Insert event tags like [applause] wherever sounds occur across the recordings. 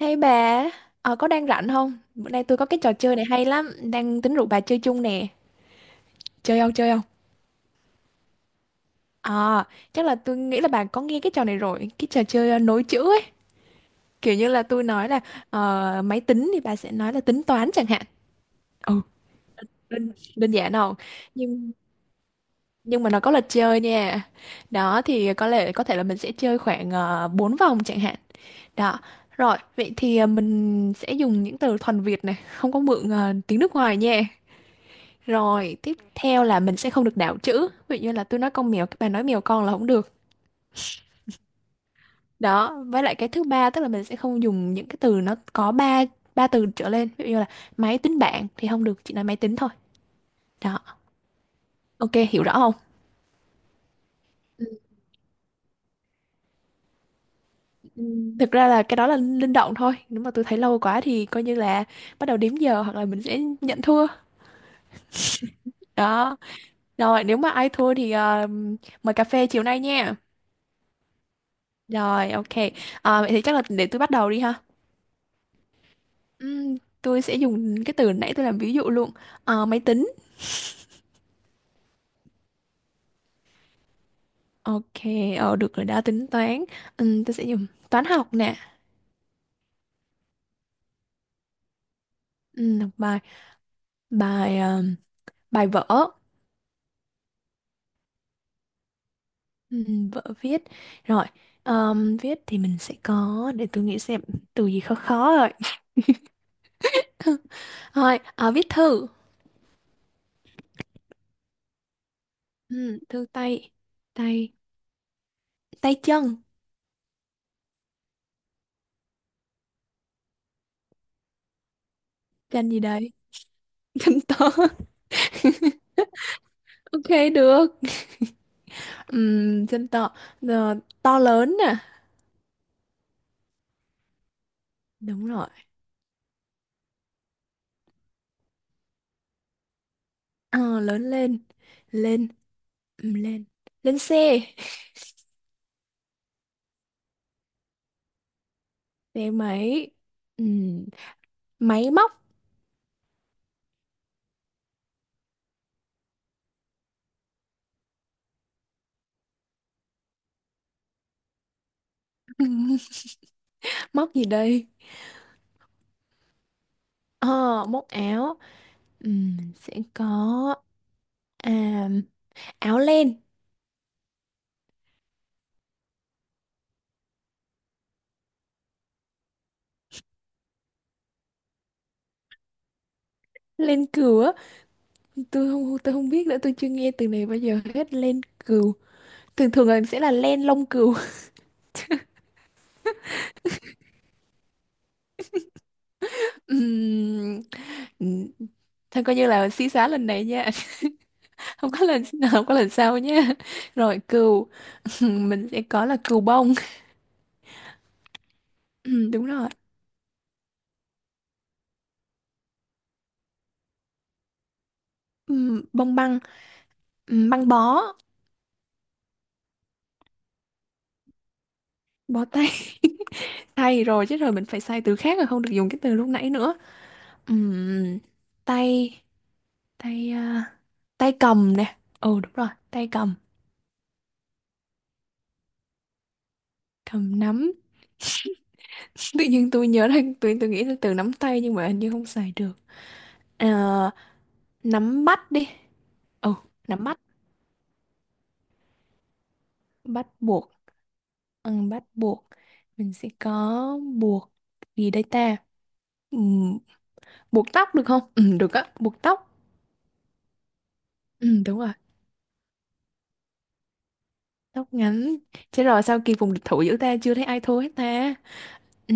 Hey bà, có đang rảnh không? Bữa nay tôi có cái trò chơi này hay lắm, đang tính rủ bà chơi chung nè. Chơi không, chơi không? Ờ, chắc là tôi nghĩ là bà có nghe cái trò này rồi, cái trò chơi nối chữ ấy. Kiểu như là tôi nói là máy tính thì bà sẽ nói là tính toán chẳng hạn. Ừ, đơn giản không? Nhưng nhưng mà nó có luật chơi nha. Đó thì có lẽ có thể là mình sẽ chơi khoảng 4 vòng chẳng hạn. Đó. Rồi, vậy thì mình sẽ dùng những từ thuần Việt này, không có mượn tiếng nước ngoài nha. Rồi, tiếp theo là mình sẽ không được đảo chữ. Ví dụ như là tôi nói con mèo, các bạn nói mèo con là không được. Đó, với lại cái thứ ba tức là mình sẽ không dùng những cái từ nó có ba ba từ trở lên. Ví dụ như là máy tính bảng thì không được, chỉ nói máy tính thôi. Đó, ok, hiểu rõ không? Thực ra là cái đó là linh động thôi. Nếu mà tôi thấy lâu quá thì coi như là bắt đầu đếm giờ hoặc là mình sẽ nhận thua. Đó. Rồi, nếu mà ai thua thì mời cà phê chiều nay nha. Rồi, ok. Ờ, vậy thì chắc là để tôi bắt đầu đi ha. Ừm, tôi sẽ dùng cái từ nãy tôi làm ví dụ luôn. Ờ, máy tính. Ok, được rồi đó, tính toán. Tôi sẽ dùng toán học nè. Học bài, bài bài vở. Vở viết rồi, viết thì mình sẽ có, để tôi nghĩ xem từ gì khó khó rồi. [laughs] Thôi, viết thư. Thư tay, tay, tay chân, chân gì đấy. [laughs] Chân to. [laughs] Ok, được. Chân to. Ờ, to lớn nè, đúng rồi. Ờ, lớn lên, lên, ừ, lên, lên xe, xe máy, ừ, máy móc. [laughs] Móc gì đây, ờ, móc áo, ừ, mình sẽ có, à, áo len. Len cừu á, tôi không biết nữa, tôi chưa nghe từ này bao giờ hết. Len cừu thường thường là sẽ là len lông cừu. [laughs] Ừm, ừ, thôi coi như là xí xá lần này nha. [laughs] không có lần Không có lần sau nha. Rồi, cừu. [laughs] Mình sẽ có là cừu bông. Đúng rồi. Bông băng, băng bó, bó tay. [laughs] Tay rồi chứ, rồi mình phải xài từ khác rồi, không được dùng cái từ lúc nãy nữa. Ừm, tay, tay à, tay cầm nè. Ừ đúng rồi, tay cầm, cầm nắm. [laughs] Tự nhiên tôi nhớ ra, tôi nghĩ là từ nắm tay nhưng mà hình như không xài được. Ờ, nắm bắt đi. Ừ, nắm bắt, bắt buộc. Ừ, bắt buộc. Mình sẽ có buộc gì đây ta? Buộc tóc được không, ừ được á, buộc tóc, ừ đúng rồi. Tóc ngắn, chết rồi, sao kỳ vùng địch thủ giữa ta chưa thấy ai thua hết ta. Ừ,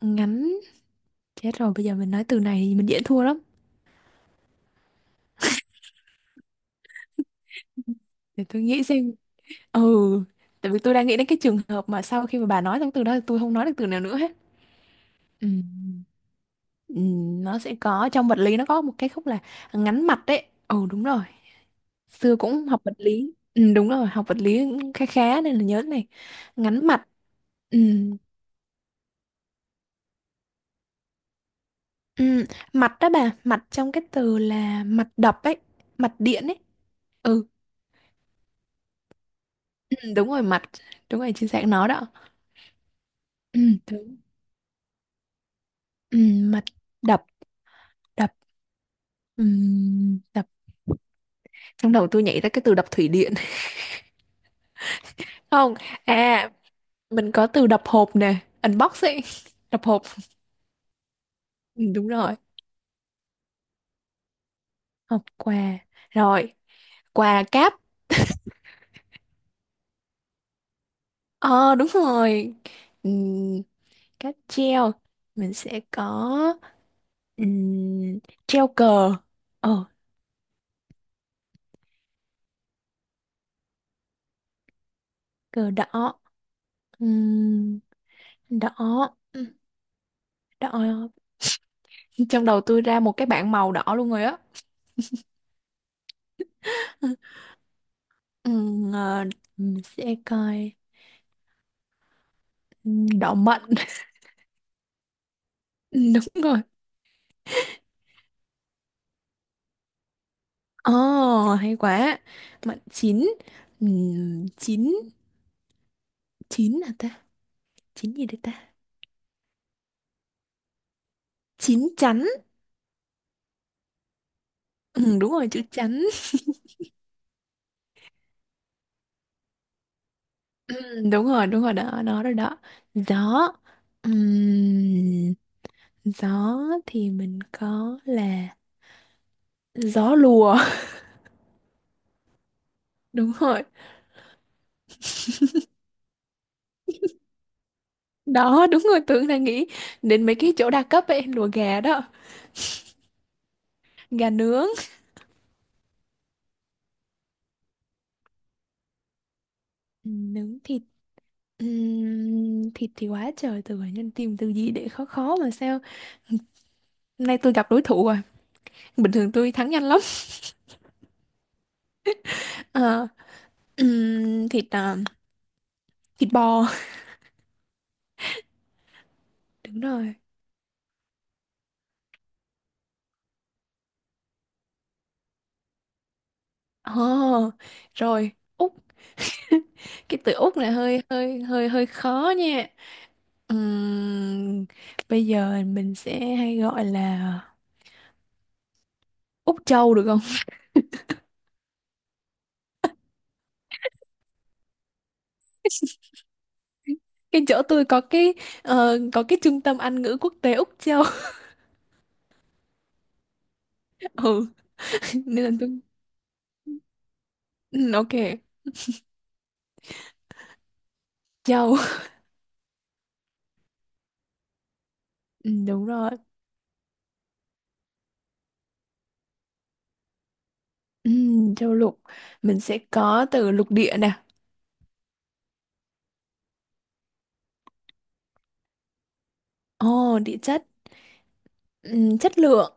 ngắn, chết rồi, bây giờ mình nói từ này thì mình dễ thua lắm, để tôi nghĩ xem. Ừ, tại vì tôi đang nghĩ đến cái trường hợp mà sau khi mà bà nói xong từ đó thì tôi không nói được từ nào nữa hết. Ừ. Ừ, nó sẽ có trong vật lý, nó có một cái khúc là ngắn mặt đấy, ừ đúng rồi, xưa cũng học vật lý, ừ, đúng rồi, học vật lý cũng khá khá nên là nhớ cái này. Ngắn mặt, ừ, Ừ, mạch đó bà, mạch trong cái từ là mạch đập ấy, mạch điện ấy. Ừ, ừ đúng rồi mạch, đúng rồi chính xác nó đó. Ừ, đúng. Ừ, mạch đập, đập, ừ, đập. Trong đầu tôi nhảy ra cái từ đập thủy điện. [laughs] Không, à, mình có từ đập hộp nè, unbox ấy, [laughs] đập hộp. Ừ, đúng rồi, hộp quà. Rồi, quà cáp. Ờ, đúng rồi. Ừ, cáp treo. Mình sẽ có, ừ, treo cờ. Ờ, cờ đỏ. Ừm, đỏ, Ừm, đỏ, trong đầu tôi ra một cái bảng màu đỏ luôn rồi á. [laughs] Ừm, ờ, mình sẽ coi, đỏ mận. [laughs] Đúng rồi. Ồ, hay quá, mận chín. Chín, chín là ta, chín gì đây ta, chín chắn. Đúng rồi, chữ chắn. Ừm, [laughs] đúng rồi, đúng rồi đó, đó đó đó. Gió, Ừm, gió thì mình có là gió lùa. [laughs] Đúng rồi đó, đúng rồi, tưởng là nghĩ đến mấy cái chỗ đa cấp ấy, lùa gà đó. Gà nướng, ừ, nướng thịt. Thịt thì quá trời từ, bản nhân tìm từ gì để khó khó mà sao hôm nay tôi gặp đối thủ rồi, bình thường tôi thắng nhanh lắm. Ờ, thịt à, thịt bò, đúng rồi. Oh, rồi, Úc. [laughs] Cái từ Úc này hơi hơi hơi hơi khó nha. Ừm, bây giờ mình sẽ hay gọi là Úc Châu được không. [laughs] Cái chỗ tôi có cái, có cái trung tâm Anh ngữ quốc tế Úc Châu. [laughs] Ừ. [laughs] Nên là tôi, ừ, ok, châu, ừ, đúng rồi, ừ, châu lục, mình sẽ có từ lục địa nè. Ồ, địa chất, ừ, chất lượng.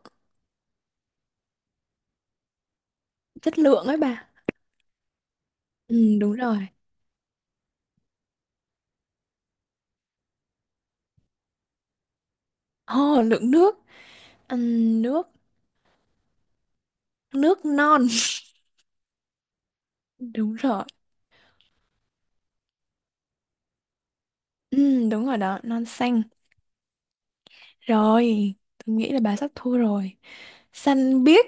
Chất lượng ấy bà, ừ, đúng rồi. Ồ, lượng nước, ừ, nước, nước non. [laughs] Đúng rồi, ừ, đúng rồi đó, non xanh, rồi, tôi nghĩ là bà sắp thua rồi, xanh biếc.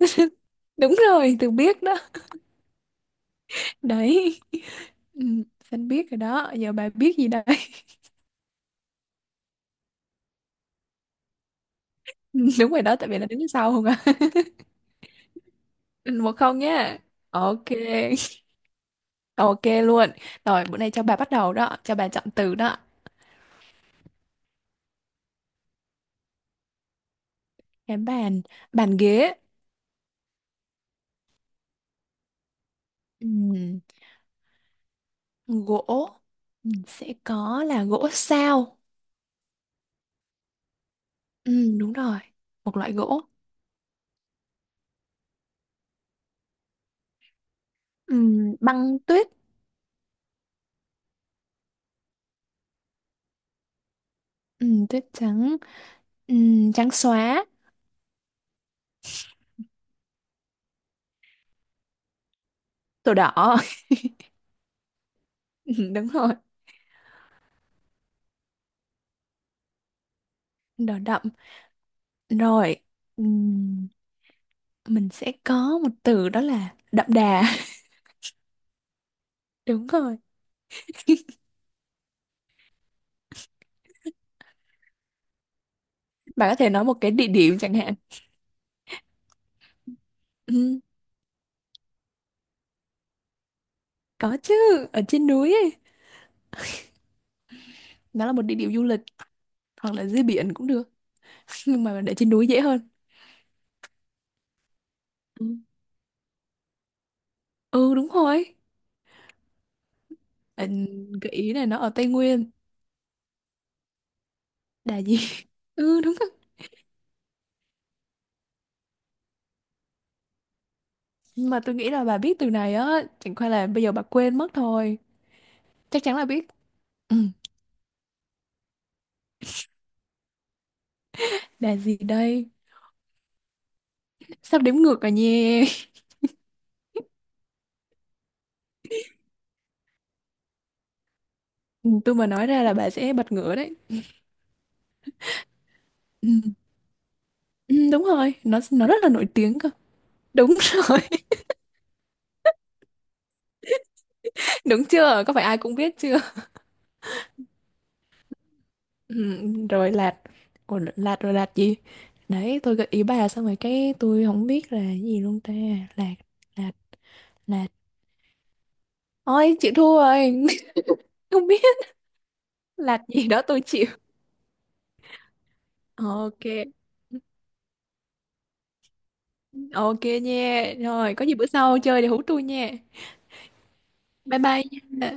[laughs] Đúng rồi, từ biếc đó. Đấy, [laughs] ừ, xanh biết rồi đó, giờ bà biết gì đây. [laughs] Ừ, đúng rồi đó, tại vì là đứng sau không à. [laughs] Ừ, một không nhá. Ok, [laughs] ok luôn. Rồi, bữa nay cho bà bắt đầu đó, cho bà chọn từ đó. Cái bàn, bàn ghế. Ừm, gỗ, sẽ có là gỗ sao. Đúng rồi, một loại gỗ. Băng tuyết, tuyết trắng, trắng xóa, đồ đỏ. [laughs] Đúng rồi, đỏ đậm, rồi, Ừm, mình sẽ có một từ đó là đậm đà. [laughs] Đúng rồi. [laughs] Bạn có thể nói một cái địa điểm chẳng hạn, ừ, có chứ, ở trên núi ấy. Nó là một địa điểm du lịch hoặc là dưới biển cũng được, [laughs] nhưng mà để trên núi dễ hơn. Ừ, ừ đúng rồi. Bạn, gợi ý này nó ở Tây Nguyên. Đà gì, [laughs] ừ đúng rồi, nhưng mà tôi nghĩ là bà biết từ này á, chẳng qua là bây giờ bà quên mất thôi, chắc chắn là biết. Ừ, đà gì đây, sắp đếm ngược rồi nha. [laughs] Ừ, tôi mà nói ra là bà sẽ bật ngửa đấy. Ừ. Ừ, đúng rồi, nó rất là nổi tiếng cơ. Đúng [laughs] rồi, đúng chưa? Có phải ai cũng biết chưa? Ừ, rồi lạt. Ủa, lạt rồi lạt gì? Đấy, tôi gợi ý bà xong rồi cái tôi không biết là cái gì luôn ta. Lạt, lạt, lạt. Ôi, chịu thua rồi. [laughs] Không biết lạt gì đó tôi chịu. Ok. Ok nha. Rồi, có gì bữa sau chơi để hú tôi nha. Bye bye nha.